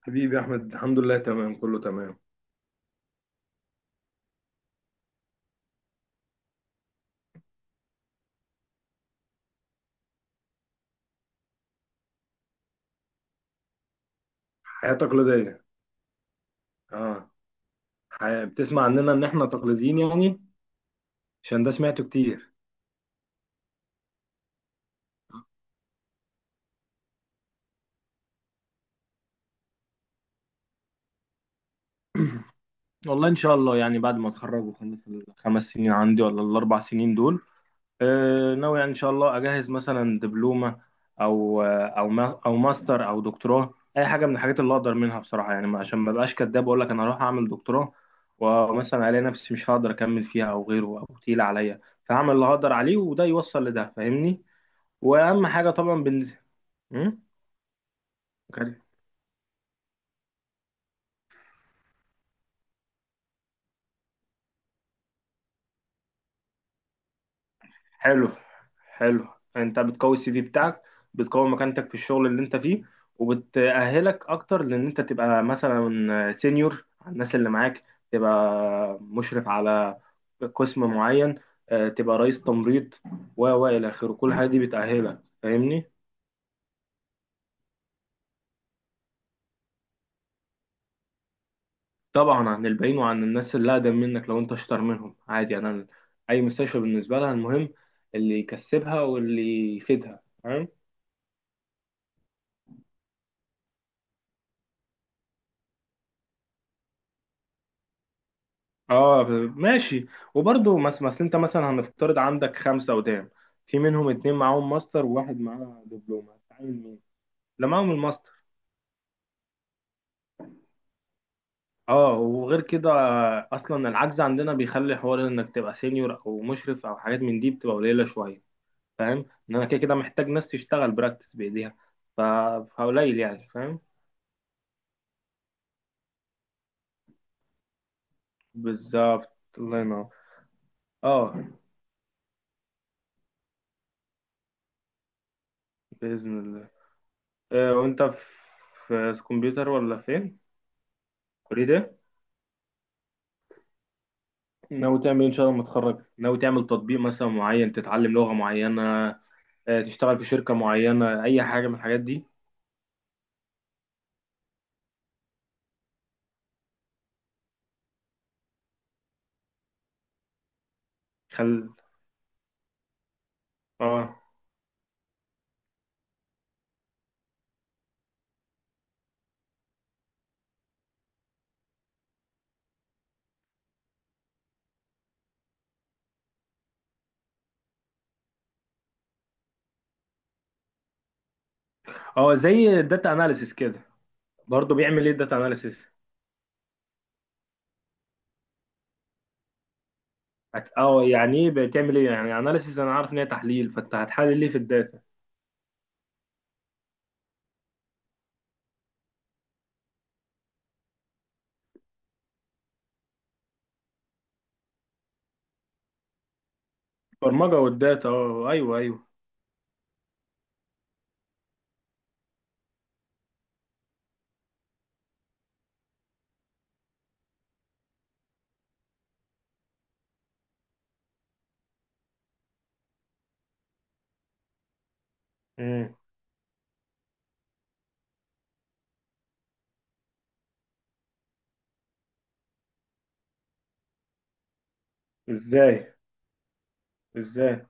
حبيبي يا احمد، الحمد لله، تمام كله تمام. حياة تقليدية. اه، حياة بتسمع عننا ان احنا تقليديين، يعني عشان ده سمعته كتير. والله، ان شاء الله، يعني بعد ما اتخرج وخلص الـ5 سنين عندي ولا الـ4 سنين دول، آه، ناوي يعني ان شاء الله اجهز مثلا دبلومه او او ماستر او دكتوراه، اي حاجه من الحاجات اللي اقدر منها. بصراحه يعني عشان ما بقاش كداب اقول لك انا هروح اعمل دكتوراه، ومثلا الاقي نفسي مش هقدر اكمل فيها او غيره او تقيل عليا، فهعمل اللي هقدر عليه وده يوصل لده، فاهمني؟ واهم حاجه طبعا بالنسبه. مم؟ كاري. حلو. حلو. انت بتقوي السي في بتاعك، بتقوي مكانتك في الشغل اللي انت فيه، وبتأهلك اكتر، لان انت تبقى مثلا سينيور على الناس اللي معاك، تبقى مشرف على قسم معين، آه، تبقى رئيس تمريض و الى اخره. كل الحاجات دي بتأهلك، فاهمني؟ طبعا عن الباقيين وعن الناس اللي اقدم منك، لو انت اشطر منهم عادي، يعني انا اي مستشفى بالنسبه لها، المهم اللي يكسبها واللي يفيدها. اه، ماشي. وبرضه مثلا انت مثلا هنفترض عندك 5 قدام، في منهم 2 معاهم ماستر وواحد معاه دبلومه، هتعين مين؟ لا، معاهم الماستر. اه، وغير كده اصلا العجز عندنا بيخلي حوار انك تبقى سينيور او مشرف او حاجات من دي بتبقى قليله شويه. فاهم؟ ان انا كده كده محتاج ناس تشتغل براكتس بايديها، ف- فقليل يعني. فاهم؟ بالظبط. الله ينور. اه، باذن الله. آه، وانت في كمبيوتر ولا فين؟ كليه إيه؟ ناوي تعمل ايه ان شاء الله لما تتخرج؟ ناوي تعمل تطبيق مثلا معين، تتعلم لغة معينة، آه، تشتغل في شركة معينة، اي حاجة من الحاجات دي؟ خل اه. اه، زي الداتا اناليسيس كده. برضه بيعمل ايه الداتا اناليسيس؟ اه، يعني ايه بتعمل ايه يعني اناليسيس؟ انا عارف ان هي تحليل، فانت هتحلل ليه في الداتا؟ برمجة والداتا. اه، ايوه، ايوه. مم. ازاي؟ ازاي؟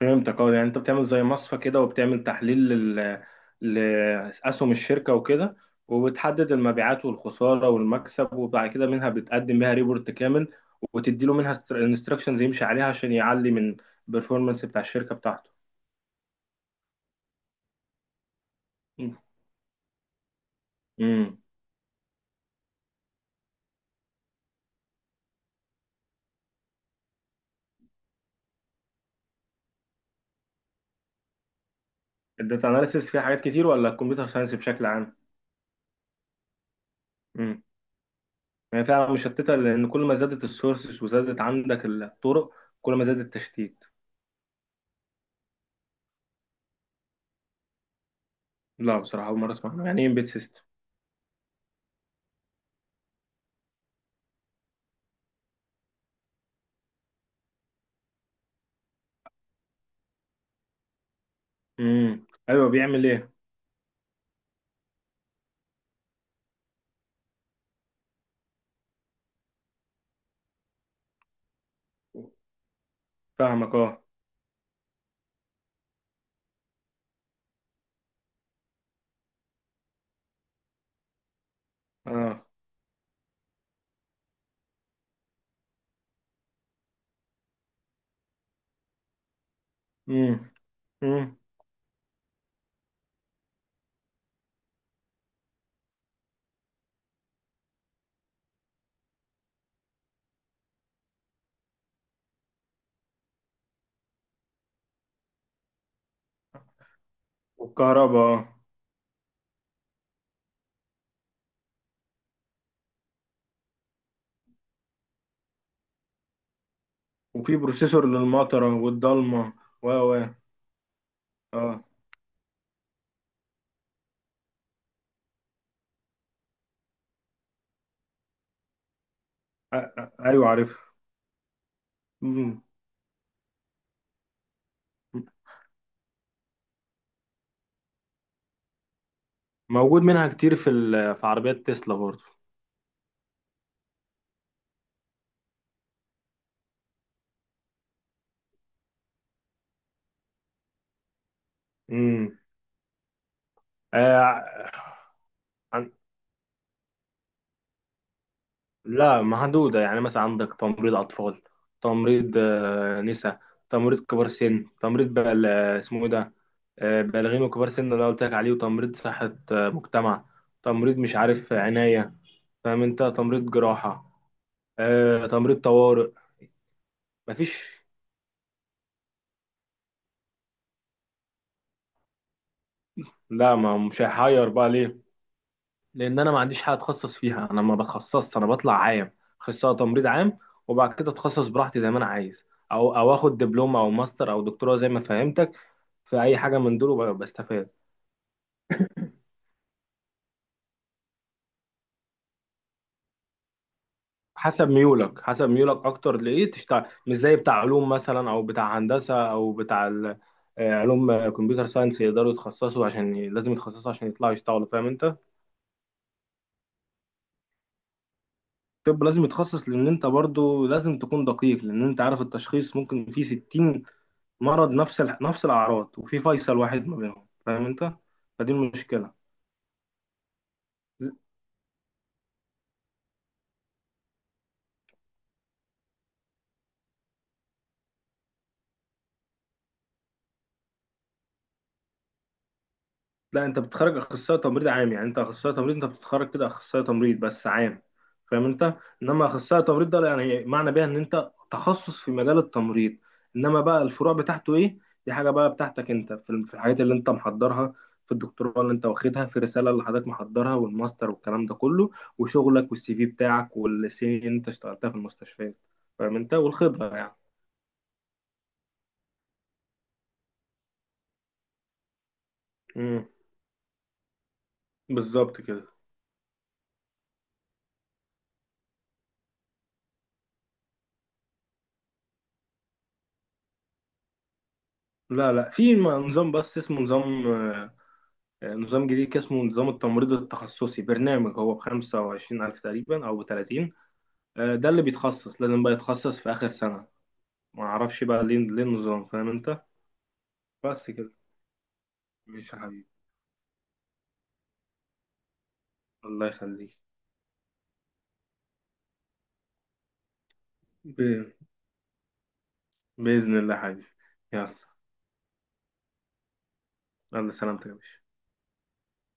فهمتك. اه، يعني انت بتعمل زي مصفى كده، وبتعمل تحليل لأسهم الشركة وكده، وبتحدد المبيعات والخسارة والمكسب، وبعد كده منها بتقدم بيها ريبورت كامل، وتدي له منها انستراكشنز يمشي عليها عشان يعلي من البرفورمانس بتاع الشركة بتاعته. امم. الداتا اناليسيس فيها حاجات كتير ولا الكمبيوتر ساينس بشكل عام؟ امم. هي فعلا مشتتة، لأن كل ما زادت السورسز وزادت عندك الطرق، كل ما زاد التشتيت. لا، بصراحة أول مرة أسمع عنه. يعني إيه امبيد سيستم؟ امم. أيوه، بيعمل إيه؟ فاهمك. اه، اه. امم. امم. والكهرباء اه. وفي بروسيسور للمطره والضلمه و اه. ايوه عارف. امم. موجود منها كتير في في عربيات تسلا برضو. امم. آه. عن- لا، محدوده، يعني مثلا عندك تمريض اطفال، تمريض نساء، تمريض كبار سن، تمريض بقى اسمه ايه ده؟ بالغين وكبار سن اللي أنا قلت لك عليه، وتمريض صحه مجتمع، تمريض مش عارف عنايه، فاهم انت؟ تمريض جراحة، تمريض طوارئ، مفيش. لا، ما مش هيحير بقى، ليه؟ لان انا ما عنديش حاجة اتخصص فيها، انا ما بتخصصش، انا بطلع عام، اخصائي تمريض عام. وبعد كده اتخصص براحتي زي ما انا عايز، او اخد دبلومة او ماستر او دكتوراه زي ما فهمتك، في اي حاجة من دول، بستفاد. حسب ميولك، حسب ميولك اكتر لايه تشتغل. مش زي بتاع علوم مثلا او بتاع هندسة او بتاع علوم، كمبيوتر ساينس، يقدروا يتخصصوا عشان لازم يتخصصوا عشان يطلعوا يشتغلوا، فاهم انت؟ طب لازم يتخصص، لان انت برضو لازم تكون دقيق، لان انت عارف التشخيص ممكن في 60 مرض نفس الاعراض، وفي فيصل واحد ما بينهم، فاهم انت؟ فدي المشكله. لا، انت بتتخرج اخصائي تمريض عام، يعني انت اخصائي تمريض، انت بتتخرج كده اخصائي تمريض بس عام، فاهم انت؟ انما اخصائي تمريض ده يعني معنى بيها ان انت تخصص في مجال التمريض. انما بقى الفروع بتاعته ايه؟ دي حاجه بقى بتاعتك انت، في الحاجات اللي انت محضرها، في الدكتوراه اللي انت واخدها، في الرساله اللي حضرتك محضرها والماستر والكلام ده كله، وشغلك والسي في بتاعك، والسنين اللي انت اشتغلتها في المستشفيات، فاهم انت؟ والخبره يعني. امم. بالظبط كده. لا، لا، في نظام، بس اسمه نظام، نظام جديد كده، اسمه نظام التمريض التخصصي، برنامج هو بخمسة وعشرين ألف تقريبا أو بـ30. ده اللي بيتخصص لازم بقى يتخصص في آخر سنة. ما أعرفش بقى ليه النظام، فاهم أنت؟ بس كده. ماشي يا حبيبي. الله يخليك. ب... بإذن الله يا حبيبي. يلا، يلا، سلامتك يا باشا.